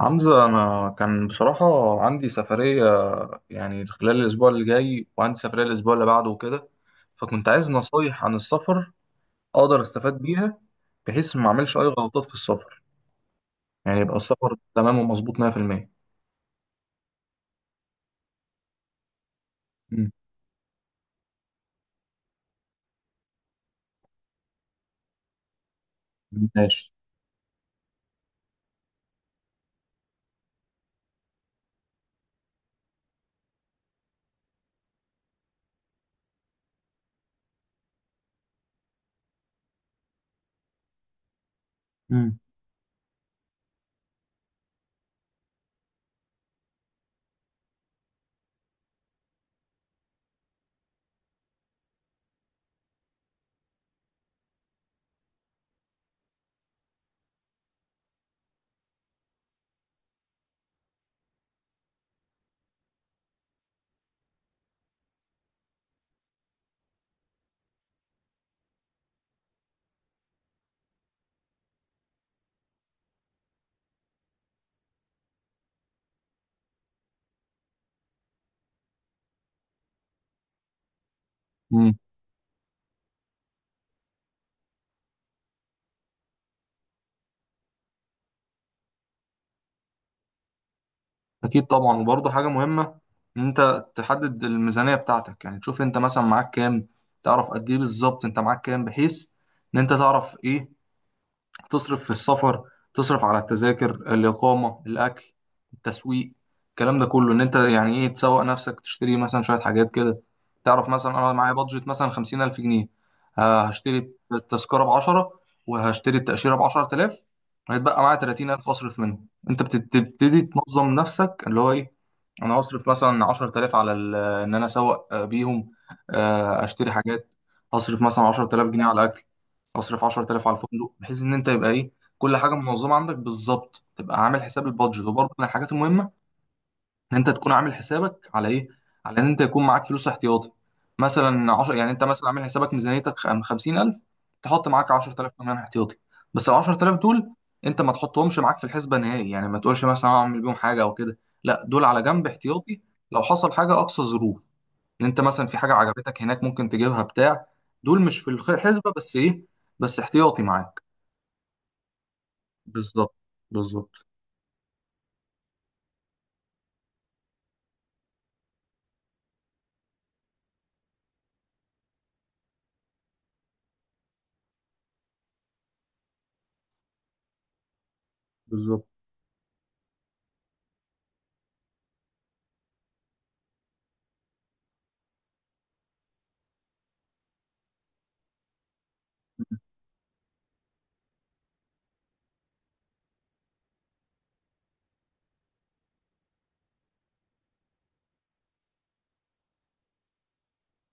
حمزة أنا كان بصراحة عندي سفرية يعني خلال الأسبوع اللي جاي، وعندي سفرية الأسبوع اللي بعده وكده. فكنت عايز نصايح عن السفر أقدر أستفاد بيها بحيث ما أعملش أي غلطات في السفر، يعني يبقى السفر تمام ومظبوط 100%. مم. ماشي. مم. مم. أكيد طبعا، وبرضه حاجة مهمة إن أنت تحدد الميزانية بتاعتك، يعني تشوف أنت مثلا معاك كام، تعرف قد إيه بالظبط أنت معاك كام، بحيث إن أنت تعرف إيه تصرف في السفر، تصرف على التذاكر، الإقامة، الأكل، التسويق، الكلام ده كله. إن أنت يعني إيه تسوق نفسك، تشتري مثلا شوية حاجات كده. تعرف مثلا أنا معايا بادجت مثلا خمسين ألف جنيه، هشتري التذكرة بعشرة، وهشتري التأشيرة بعشرة آلاف. هيتبقى معايا تلاتين ألف أصرف منهم. أنت بتبتدي تنظم نفسك اللي هو إيه. أنا هصرف مثلا عشرة آلاف على إن أنا أسوق بيهم، أشتري حاجات. هصرف مثلا عشرة آلاف جنيه على أكل، اصرف 10000 على الفندق، بحيث ان انت يبقى ايه، كل حاجه منظمه عندك بالظبط، تبقى عامل حساب البادجت. وبرضه من الحاجات المهمه ان انت تكون عامل حسابك على ايه، على ان انت يكون معاك فلوس احتياطي، مثلا 10. يعني انت مثلا عامل حسابك ميزانيتك 50000، تحط معاك 10000 كمان احتياطي. بس ال 10000 دول انت ما تحطهمش معاك في الحسبه نهائي، يعني ما تقولش مثلا هعمل بيهم حاجه او كده، لا دول على جنب احتياطي. لو حصل حاجه اقصى ظروف، ان انت مثلا في حاجه عجبتك هناك ممكن تجيبها بتاع، دول مش في الحسبه، بس ايه، بس احتياطي معاك. بالظبط، بالظبط، بالظبط.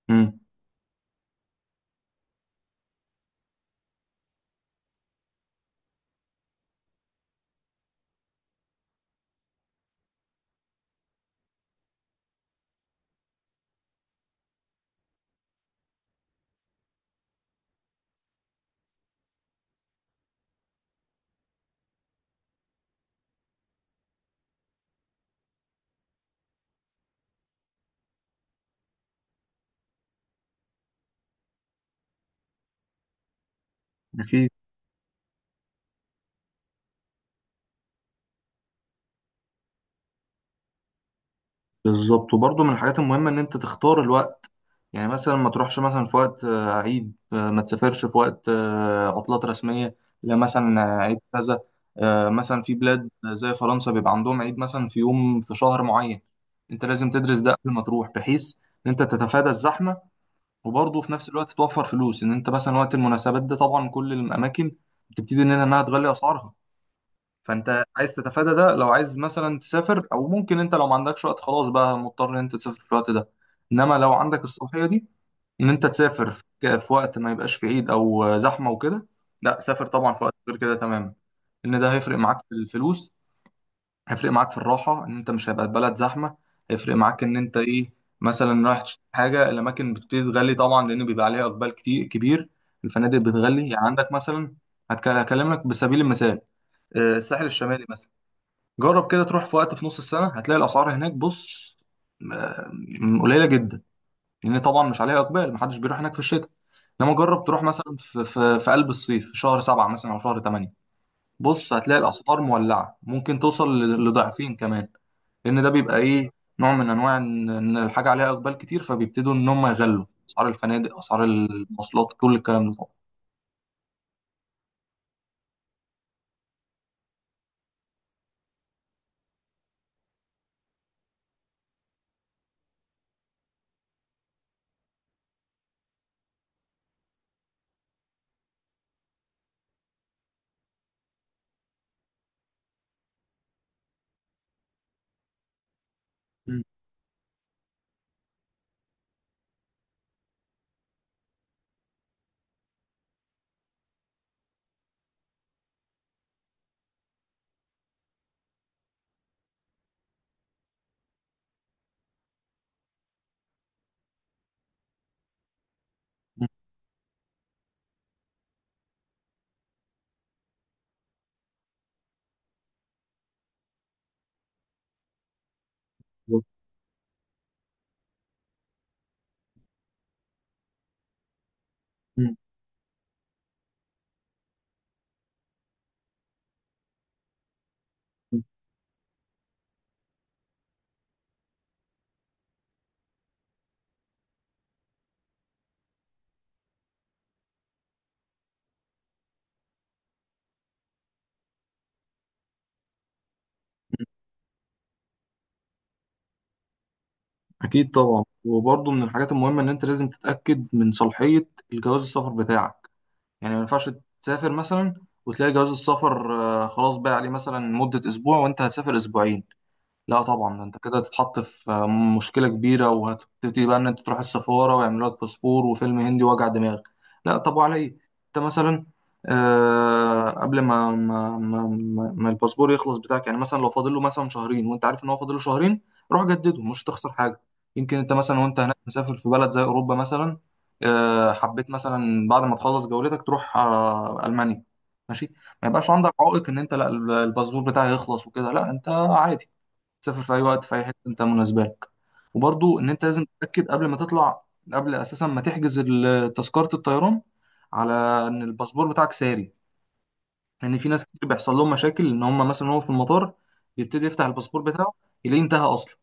امم. اكيد. بالظبط، وبرضه من الحاجات المهمه ان انت تختار الوقت، يعني مثلا ما تروحش مثلا في وقت عيد، ما تسافرش في وقت عطلات رسميه، لا مثلا عيد كذا. مثلا في بلاد زي فرنسا بيبقى عندهم عيد مثلا في يوم في شهر معين، انت لازم تدرس ده قبل ما تروح، بحيث ان انت تتفادى الزحمه، وبرضه في نفس الوقت توفر فلوس. ان انت مثلا وقت المناسبات ده طبعا كل الاماكن بتبتدي ان انها تغلي اسعارها، فانت عايز تتفادى ده. لو عايز مثلا تسافر، او ممكن انت لو ما عندكش وقت خلاص بقى مضطر ان انت تسافر في الوقت ده، انما لو عندك الصلاحيه دي ان انت تسافر في وقت ما يبقاش في عيد او زحمه وكده، لا سافر طبعا في وقت غير كده تماما، ان ده هيفرق معاك في الفلوس، هيفرق معاك في الراحة إن أنت مش هيبقى البلد زحمة، هيفرق معاك إن أنت إيه، مثلا رايح تشتري حاجة، الأماكن بتبتدي تغلي طبعا لأن بيبقى عليها إقبال كتير كبير، الفنادق بتغلي. يعني عندك مثلا، هكلمك بسبيل المثال، الساحل الشمالي مثلا، جرب كده تروح في وقت في نص السنة، هتلاقي الأسعار هناك، بص، آه، قليلة جدا، لأن طبعا مش عليها إقبال، محدش بيروح هناك في الشتاء. إنما جرب تروح مثلا في في قلب الصيف في شهر سبعة مثلا أو شهر تمانية، بص هتلاقي الاسعار مولعه، ممكن توصل لضعفين كمان، لان ده بيبقى ايه، نوع من انواع ان إن الحاجه عليها اقبال كتير، فبيبتدوا ان هم يغلوا اسعار الفنادق، اسعار المواصلات، كل الكلام ده طبعا. مم. مم. مم. أكيد طبعا، وبرضه من الحاجات المهمه ان انت لازم تتاكد من صلاحيه الجواز السفر بتاعك، يعني ما ينفعش تسافر مثلا وتلاقي جواز السفر خلاص بقى عليه مثلا مده اسبوع وانت هتسافر اسبوعين، لا طبعا ده انت كده هتتحط في مشكله كبيره، وهتبتدي بقى ان انت تروح السفاره ويعملوا لك باسبور، وفيلم هندي وجع دماغ، لا طب وعلى ايه. انت مثلا آه قبل ما ما الباسبور يخلص بتاعك، يعني مثلا لو فاضل له مثلا شهرين وانت عارف ان هو فاضل له شهرين، روح جدده مش هتخسر حاجه. يمكن انت مثلا وانت هناك مسافر في بلد زي اوروبا مثلا، آه حبيت مثلا بعد ما تخلص جولتك تروح آه المانيا، ماشي، ما يبقاش عندك عائق ان انت لا، الباسبور بتاعي يخلص وكده، لا انت عادي تسافر في اي وقت في اي حته انت مناسبه لك. وبرضو ان انت لازم تتاكد قبل ما تطلع، قبل اساسا ما تحجز تذكره الطيران، على ان الباسبور بتاعك ساري، لان في ناس كتير بيحصل لهم مشاكل ان هم مثلا هو في المطار يبتدي يفتح الباسبور بتاعه يلاقيه انتهى اصلا،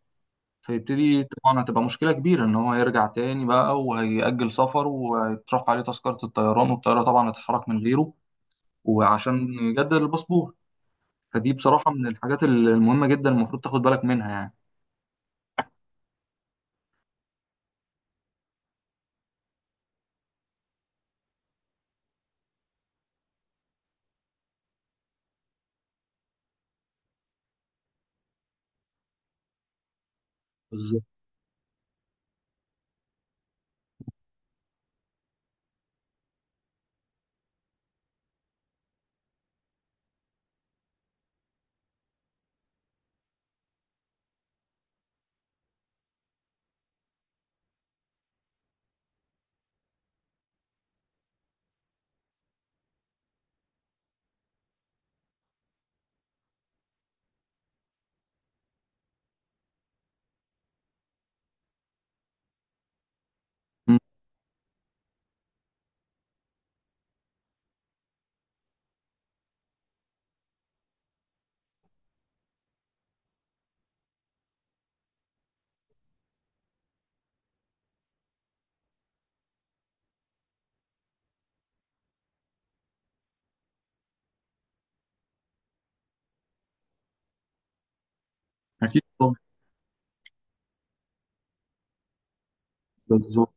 فيبتدي طبعا هتبقى مشكله كبيره ان هو يرجع تاني بقى، وهيأجل سفره، وهيترفع عليه تذكره الطيران، والطياره طبعا هتتحرك من غيره، وعشان يجدد الباسبور. فدي بصراحه من الحاجات المهمه جدا المفروض تاخد بالك منها يعني. بالظبط. أمم. أكيد طبعا. بالظبط.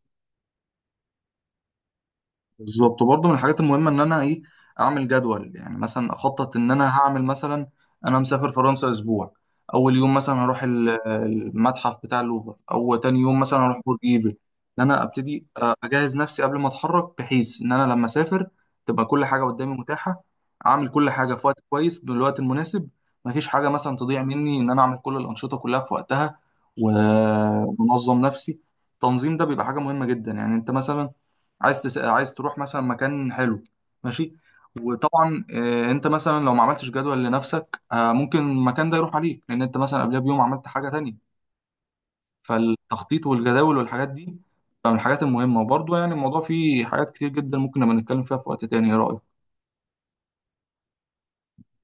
بالظبط، وبرضه من الحاجات المهمه ان انا ايه، اعمل جدول، يعني مثلا اخطط ان انا هعمل مثلا، انا مسافر فرنسا اسبوع، اول يوم مثلا هروح المتحف بتاع اللوفر، او تاني يوم مثلا هروح برج ايفل، ان انا ابتدي اجهز نفسي قبل ما اتحرك، بحيث ان انا لما اسافر تبقى كل حاجه قدامي متاحه، اعمل كل حاجه في وقت كويس بالوقت المناسب، مفيش حاجه مثلا تضيع مني، ان انا اعمل كل الانشطه كلها في وقتها، و- ومنظم نفسي. التنظيم ده بيبقى حاجه مهمه جدا. يعني انت مثلا عايز عايز تروح مثلا مكان حلو، ماشي، وطبعا انت مثلا لو ما عملتش جدول لنفسك ممكن المكان ده يروح عليك، لان انت مثلا قبلها بيوم عملت حاجه تانية. فالتخطيط والجداول والحاجات دي من الحاجات المهمه. وبرضه يعني الموضوع فيه حاجات كتير جدا ممكن نبقى نتكلم فيها في وقت تاني، ايه رايك؟